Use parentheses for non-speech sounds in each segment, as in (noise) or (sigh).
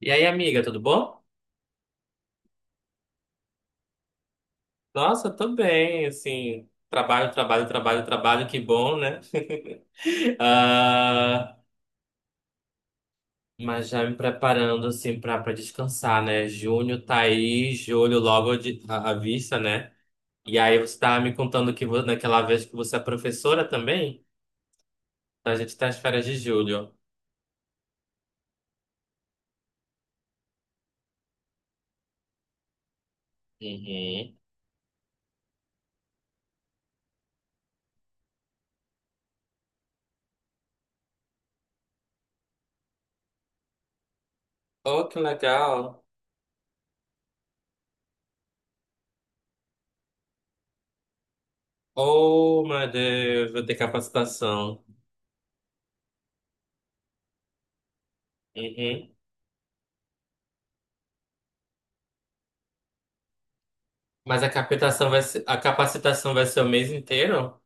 E aí, amiga, tudo bom? Nossa, tô bem, assim, trabalho, trabalho, trabalho, trabalho, que bom, né? (laughs) Ah, mas já me preparando, assim, pra descansar, né? Junho tá aí, julho logo de, à vista, né? E aí você tava me contando que naquela vez que você é professora também, então a gente tá às férias de julho. Uhum. Oh, que legal! Oh, meu Deus, vou ter capacitação. Uhum. Mas a capacitação vai ser o mês inteiro?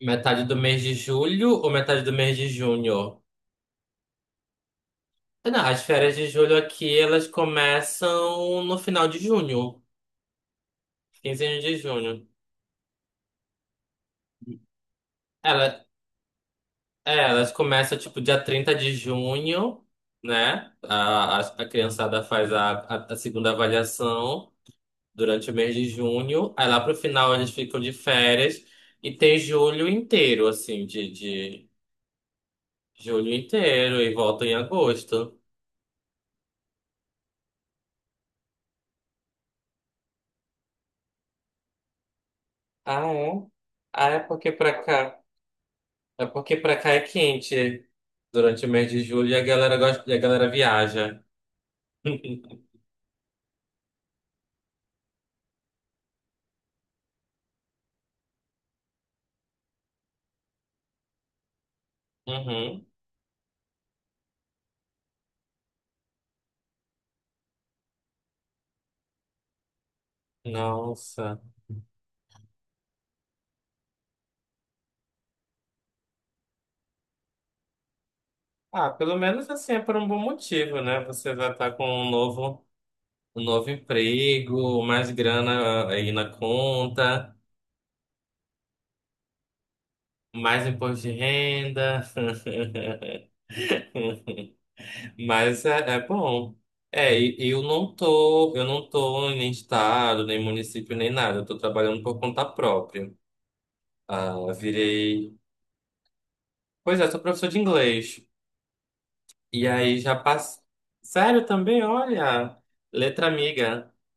Metade do mês de julho ou metade do mês de junho? Não, as férias de julho aqui, elas começam no final de junho, 15 de junho. Ela, é, elas começam, tipo, dia 30 de junho, né? A criançada faz a segunda avaliação durante o mês de junho. Aí lá pro final eles ficam de férias e tem julho inteiro, assim, de Julho inteiro e volta em agosto. Ah, é? Ah, é porque pra cá. É porque pra cá é quente durante o mês de julho e a galera gosta, e a galera viaja. (laughs) Uhum. Nossa. Ah, pelo menos assim é por um bom motivo, né? Você vai estar com um novo emprego, mais grana aí na conta, mais imposto de renda. Mas é, é bom. É, e eu não tô em nem estado, nem município, nem nada. Eu tô trabalhando por conta própria. Ah, virei. Pois é, sou professor de inglês. E aí já passo. Sério também, olha. Letra amiga. (laughs)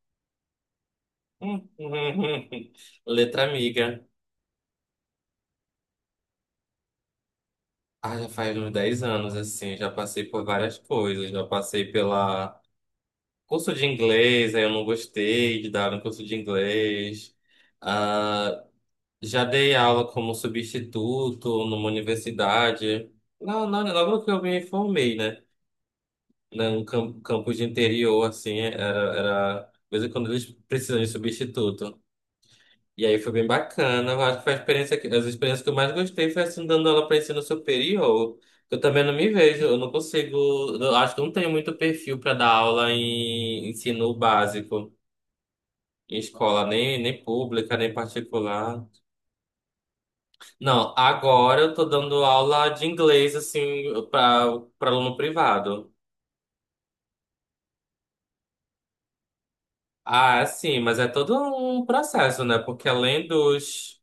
Hum, hum, hum. Letra amiga. Ah, já faz uns 10 anos, assim. Já passei por várias coisas. Já passei pela curso de inglês, aí eu não gostei de dar um curso de inglês. Ah, já dei aula como substituto numa universidade. Não, não, logo que eu me formei, né? Num campus de interior, assim, era, era... De vez em quando eles precisam de substituto. E aí foi bem bacana. Eu acho que foi a experiência que... As experiências que eu mais gostei foi, assim, dando aula para ensino superior. Eu também não me vejo, eu não consigo... Eu acho que eu não tenho muito perfil para dar aula em ensino básico, em escola, nem, nem pública, nem particular. Não, agora eu tô dando aula de inglês, assim, para aluno privado. Ah, é sim, mas é todo um processo, né? Porque além dos.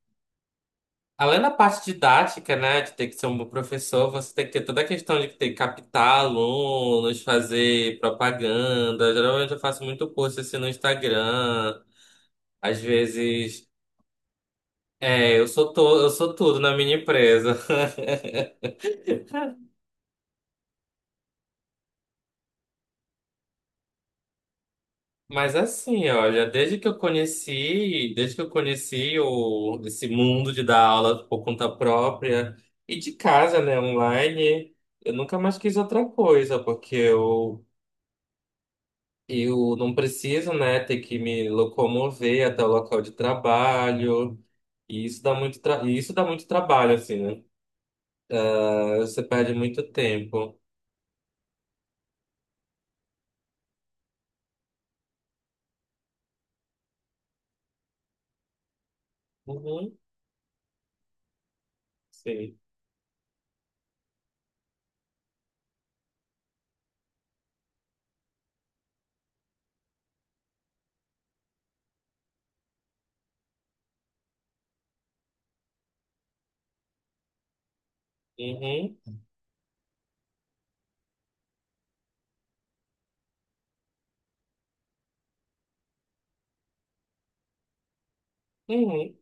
Além da parte didática, né, de ter que ser um bom professor, você tem que ter toda a questão de ter que captar alunos, fazer propaganda. Geralmente eu faço muito post assim no Instagram. Às vezes, é, eu sou tudo na minha empresa. (laughs) Mas assim, olha, desde que eu conheci esse mundo de dar aula por conta própria e de casa, né, online, eu nunca mais quis outra coisa, porque eu não preciso, né, ter que me locomover até o local de trabalho, e isso dá muito, tra e isso dá muito trabalho, assim, né? Você perde muito tempo. Uhum, sim. Uhum, uhum,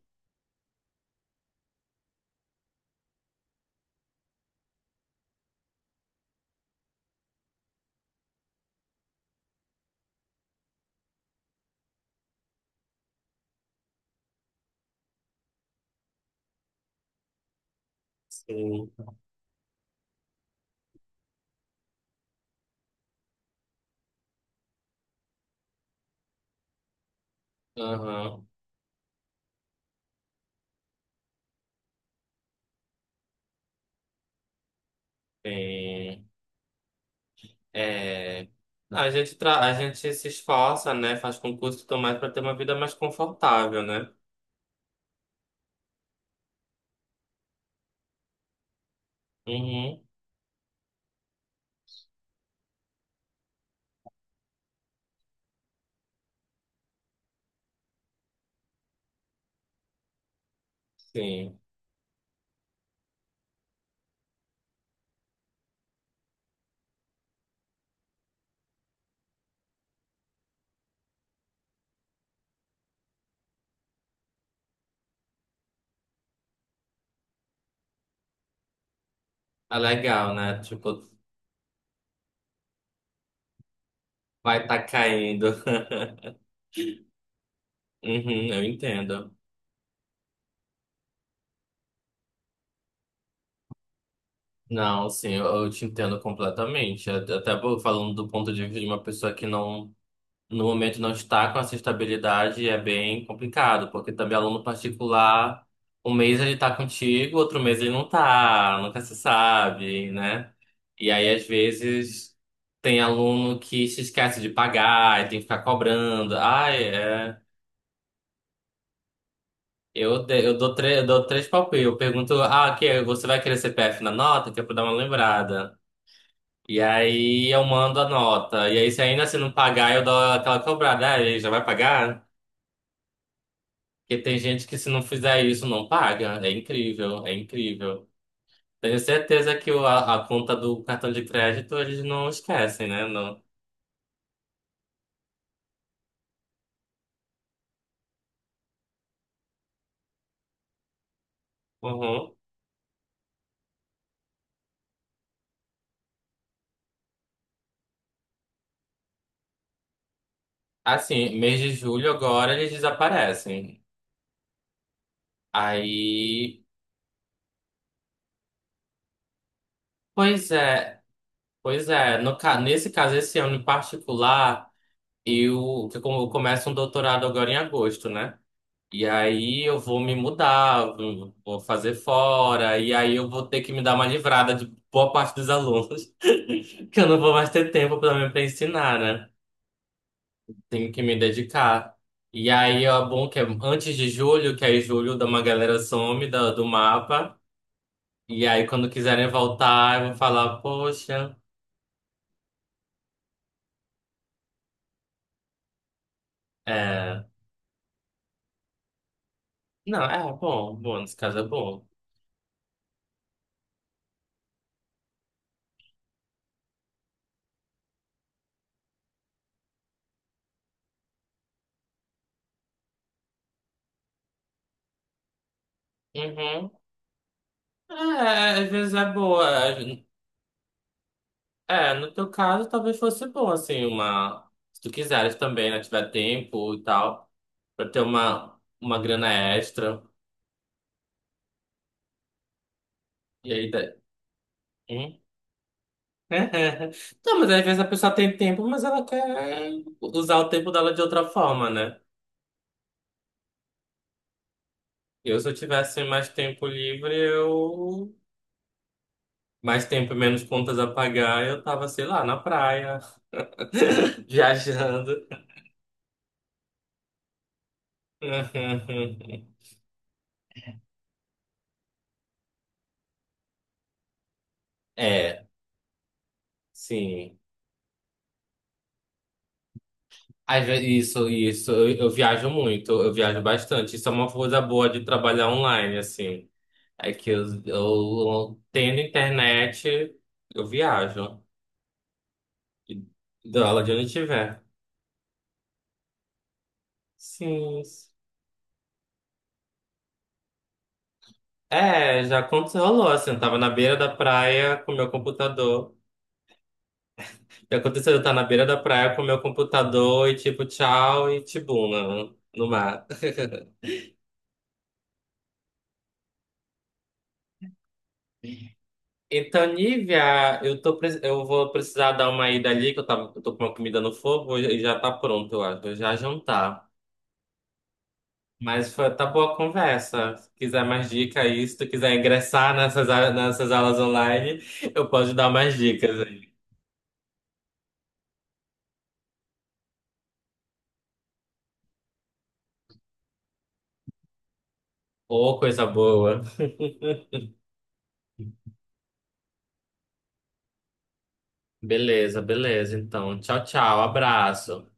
sim. Aham, sim. É, a gente se esforça, né? Faz concurso e tudo mais para ter uma vida mais confortável, né? Uhum, sim. É legal, né? Tipo, vai tá caindo. (laughs) Uhum, eu entendo. Não, sim, eu te entendo completamente. Até falando do ponto de vista de uma pessoa que não no momento não está com essa estabilidade é bem complicado, porque também aluno particular, um mês ele está contigo, outro mês ele não está, nunca se sabe, né? E aí, às vezes, tem aluno que se esquece de pagar, e tem que ficar cobrando. Ah, é. Eu, de- eu dou, tre- eu dou três palpites. Eu pergunto, ah, que você vai querer CPF na nota? Que é pra dar uma lembrada. E aí eu mando a nota. E aí, se ainda assim não pagar, eu dou aquela cobrada. Ah, ele já vai pagar? Porque tem gente que se não fizer isso não paga. É incrível, é incrível. Tenho certeza que a conta do cartão de crédito eles não esquecem, né? Não. Uhum. Assim, mês de julho agora eles desaparecem. Aí, pois é, pois é. No, ca- nesse caso, esse ano em particular, eu começo um doutorado agora em agosto, né? E aí eu vou me mudar, vou fazer fora, e aí eu vou ter que me dar uma livrada de boa parte dos alunos, (laughs) que eu não vou mais ter tempo pelo menos para ensinar, né? Tenho que me dedicar. E aí é bom que é antes de julho, que aí julho dá uma galera some do mapa, e aí quando quiserem voltar, eu vou falar, poxa, é... Não, é bom, bom, nesse caso é bom. Uhum. É, às vezes é boa. É, no teu caso, talvez fosse bom, assim, uma. Se tu quiseres também, né? Tiver tempo e tal, pra ter uma grana extra. E aí. dá- Hum? (laughs) Não, mas às vezes a pessoa tem tempo, mas ela quer usar o tempo dela de outra forma, né? Eu, se eu tivesse mais tempo livre, eu. Mais tempo e menos contas a pagar, eu tava, sei lá, na praia, (laughs) viajando. (laughs) É, sim. Isso, isso. Eu viajo muito, eu viajo bastante. Isso é uma coisa boa de trabalhar online, assim. É que eu tendo internet, eu viajo. E Dou aula de onde tiver. Sim. É, já aconteceu, rolou, assim. Eu tava na beira da praia com meu computador. E aconteceu, eu tava na beira da praia com meu computador e tipo, tchau e tibuna no mar. (laughs) Então, Nívia, eu vou precisar dar uma ida ali, eu tô com uma comida no fogo e já tá pronto, eu acho. Vou já jantar. Mas foi, tá boa a conversa. Se quiser mais dica aí, se tu quiser ingressar nessas aulas online, eu posso te dar mais dicas aí. Ô, coisa boa. Beleza, beleza. Então, tchau, tchau. Abraço.